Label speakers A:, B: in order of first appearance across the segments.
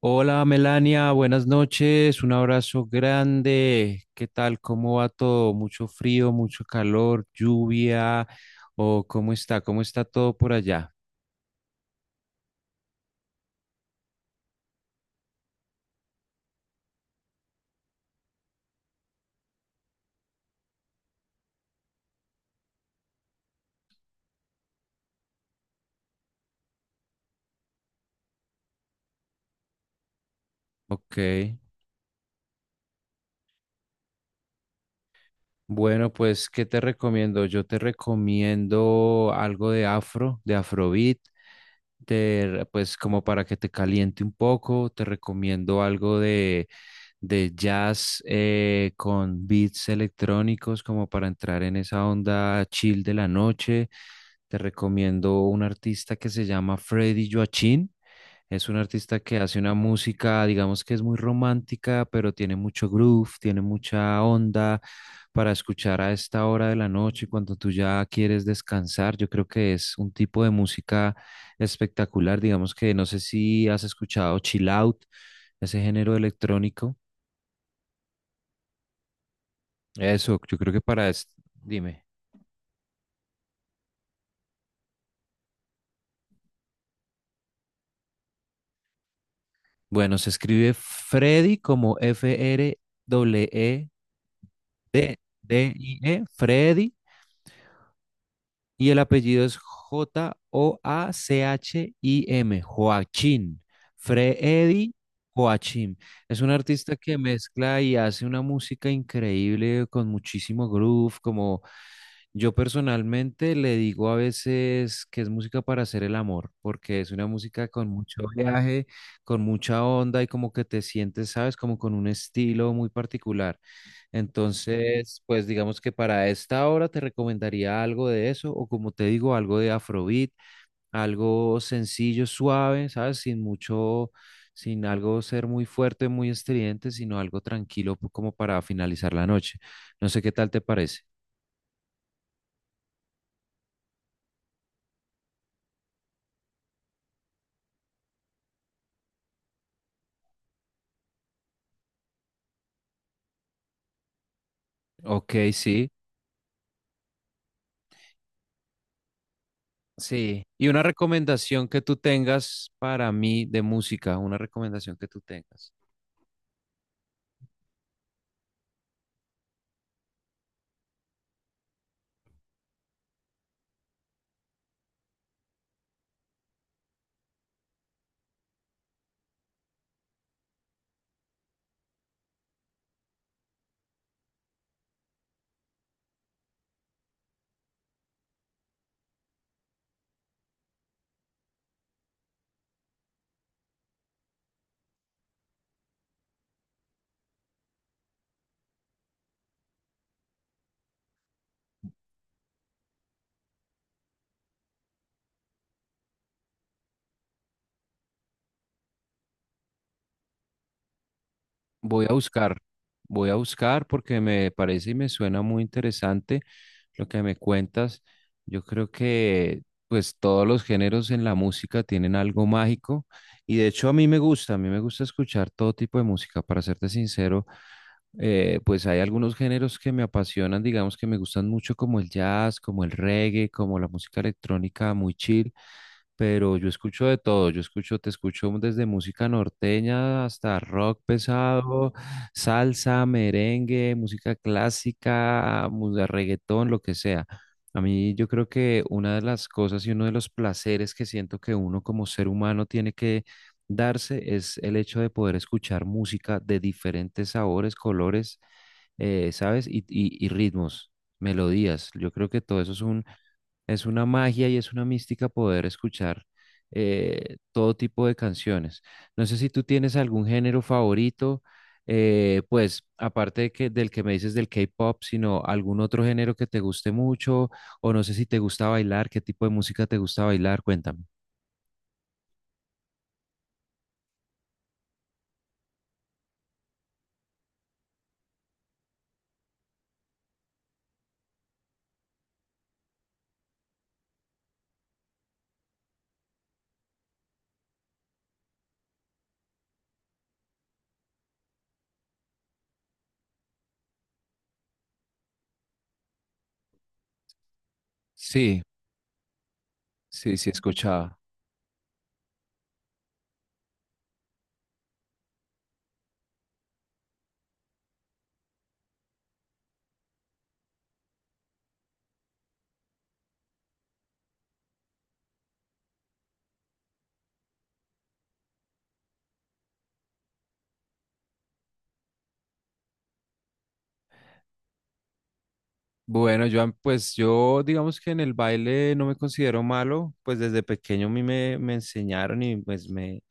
A: Hola Melania, buenas noches, un abrazo grande. ¿Qué tal? ¿Cómo va todo? ¿Mucho frío, mucho calor, lluvia? ¿O cómo está? ¿Cómo está todo por allá? Ok. Bueno, pues, ¿qué te recomiendo? Yo te recomiendo algo de afro, de afrobeat, pues como para que te caliente un poco, te recomiendo algo de jazz con beats electrónicos como para entrar en esa onda chill de la noche. Te recomiendo un artista que se llama Freddy Joachim. Es un artista que hace una música, digamos que es muy romántica, pero tiene mucho groove, tiene mucha onda para escuchar a esta hora de la noche cuando tú ya quieres descansar. Yo creo que es un tipo de música espectacular, digamos que no sé si has escuchado chill out, ese género electrónico. Eso, yo creo que para dime. Bueno, se escribe Freddy como FRWEDDIE, Freddy. Y el apellido es JOACHIM, Joachim. Freddy Joachim. Es un artista que mezcla y hace una música increíble con muchísimo groove, como yo personalmente le digo a veces que es música para hacer el amor, porque es una música con mucho viaje, con mucha onda y como que te sientes, ¿sabes? Como con un estilo muy particular. Entonces, pues digamos que para esta hora te recomendaría algo de eso, o como te digo, algo de afrobeat, algo sencillo, suave, ¿sabes? Sin mucho, sin algo ser muy fuerte, muy estridente, sino algo tranquilo como para finalizar la noche. No sé qué tal te parece. Ok, sí. Sí, y una recomendación que tú tengas para mí de música, una recomendación que tú tengas. Voy a buscar, voy a buscar porque me parece y me suena muy interesante lo que me cuentas. Yo creo que pues todos los géneros en la música tienen algo mágico y de hecho a mí me gusta, a mí me gusta escuchar todo tipo de música, para serte sincero. Pues hay algunos géneros que me apasionan, digamos que me gustan mucho, como el jazz, como el reggae, como la música electrónica muy chill. Pero yo escucho de todo, yo escucho, te escucho desde música norteña hasta rock pesado, salsa, merengue, música clásica, música reggaetón, lo que sea. A mí yo creo que una de las cosas y uno de los placeres que siento que uno como ser humano tiene que darse es el hecho de poder escuchar música de diferentes sabores, colores, ¿sabes? Y y ritmos, melodías. Yo creo que todo eso es un es una magia y es una mística poder escuchar todo tipo de canciones. No sé si tú tienes algún género favorito, pues aparte de del que me dices del K-pop, sino algún otro género que te guste mucho, o no sé si te gusta bailar, qué tipo de música te gusta bailar, cuéntame. Sí, sí, sí, escuchaba. Bueno, Joan, pues yo digamos que en el baile no me considero malo, pues desde pequeño a mí me enseñaron y pues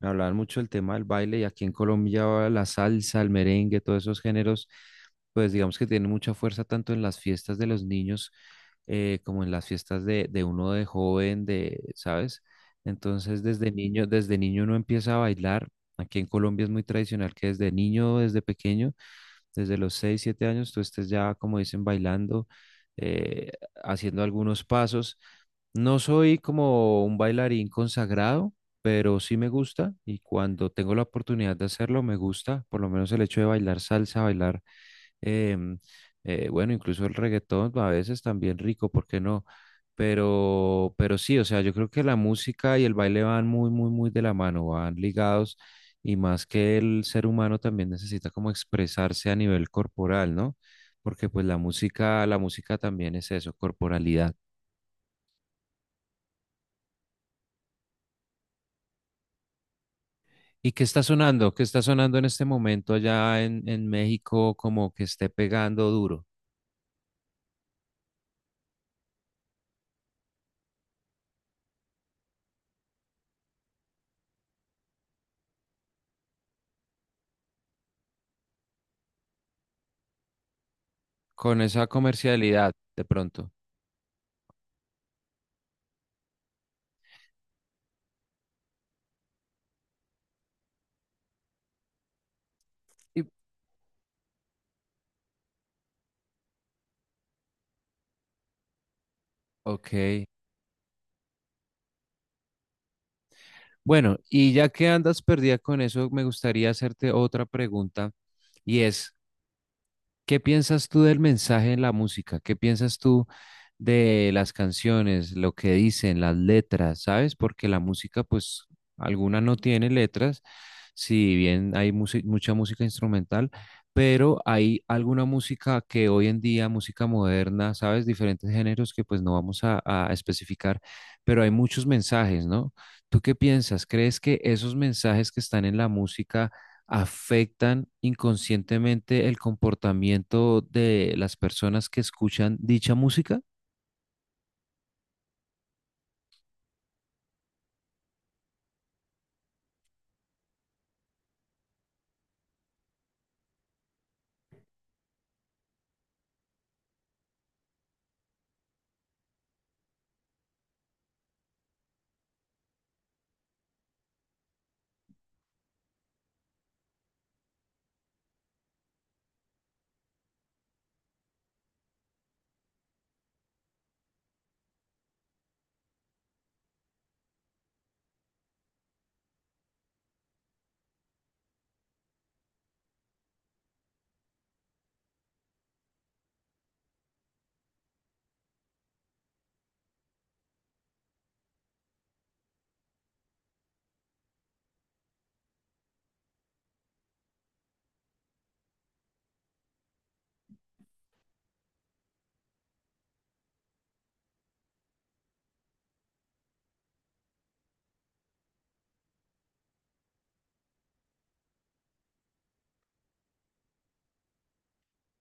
A: me hablaban mucho del tema del baile y aquí en Colombia la salsa, el merengue, todos esos géneros, pues digamos que tienen mucha fuerza tanto en las fiestas de los niños como en las fiestas de uno de joven, de, ¿sabes? Entonces desde niño uno empieza a bailar. Aquí en Colombia es muy tradicional que desde niño, desde pequeño desde los 6 7 años tú estés ya, como dicen, bailando, eh, haciendo algunos pasos. No soy como un bailarín consagrado, pero sí me gusta y cuando tengo la oportunidad de hacerlo, me gusta, por lo menos el hecho de bailar salsa, bailar em, bueno, incluso el reggaetón a veces también rico, ¿por qué no? Pero sí, o sea, yo creo que la música y el baile van muy, muy, muy de la mano, van ligados y más que el ser humano también necesita como expresarse a nivel corporal, ¿no? Porque pues la música también es eso, corporalidad. ¿Y qué está sonando? ¿Qué está sonando en este momento allá en México como que esté pegando duro? Con esa comercialidad, de pronto. Y Ok. Bueno, y ya que andas perdida con eso, me gustaría hacerte otra pregunta y es, ¿qué piensas tú del mensaje en la música? ¿Qué piensas tú de las canciones, lo que dicen, las letras, ¿sabes? Porque la música, pues, alguna no tiene letras, si bien hay mucha música instrumental, pero hay alguna música que hoy en día, música moderna, ¿sabes? Diferentes géneros que pues no vamos a especificar, pero hay muchos mensajes, ¿no? ¿Tú qué piensas? ¿Crees que esos mensajes que están en la música afectan inconscientemente el comportamiento de las personas que escuchan dicha música?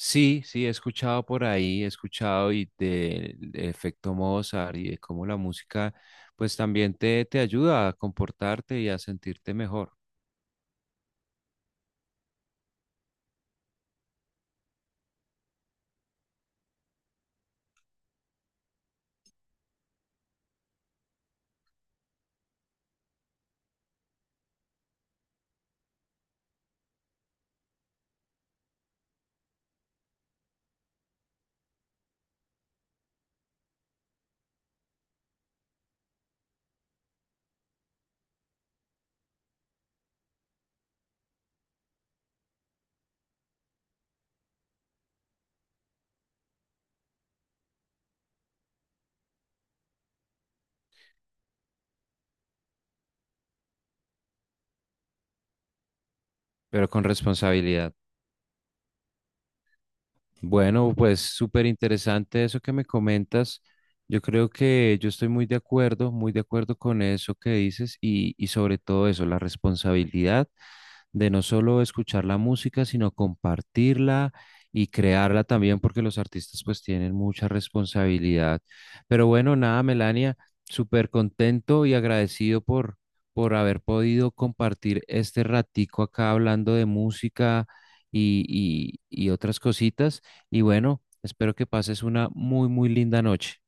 A: Sí, sí, he escuchado por ahí, he escuchado y del efecto Mozart y de cómo la música pues también te ayuda a comportarte y a sentirte mejor, pero con responsabilidad. Bueno, pues súper interesante eso que me comentas. Yo creo que yo estoy muy de acuerdo con eso que dices y sobre todo eso, la responsabilidad de no solo escuchar la música, sino compartirla y crearla también, porque los artistas pues tienen mucha responsabilidad. Pero bueno, nada, Melania, súper contento y agradecido por haber podido compartir este ratico acá hablando de música y, y otras cositas. Y bueno, espero que pases una muy, muy linda noche.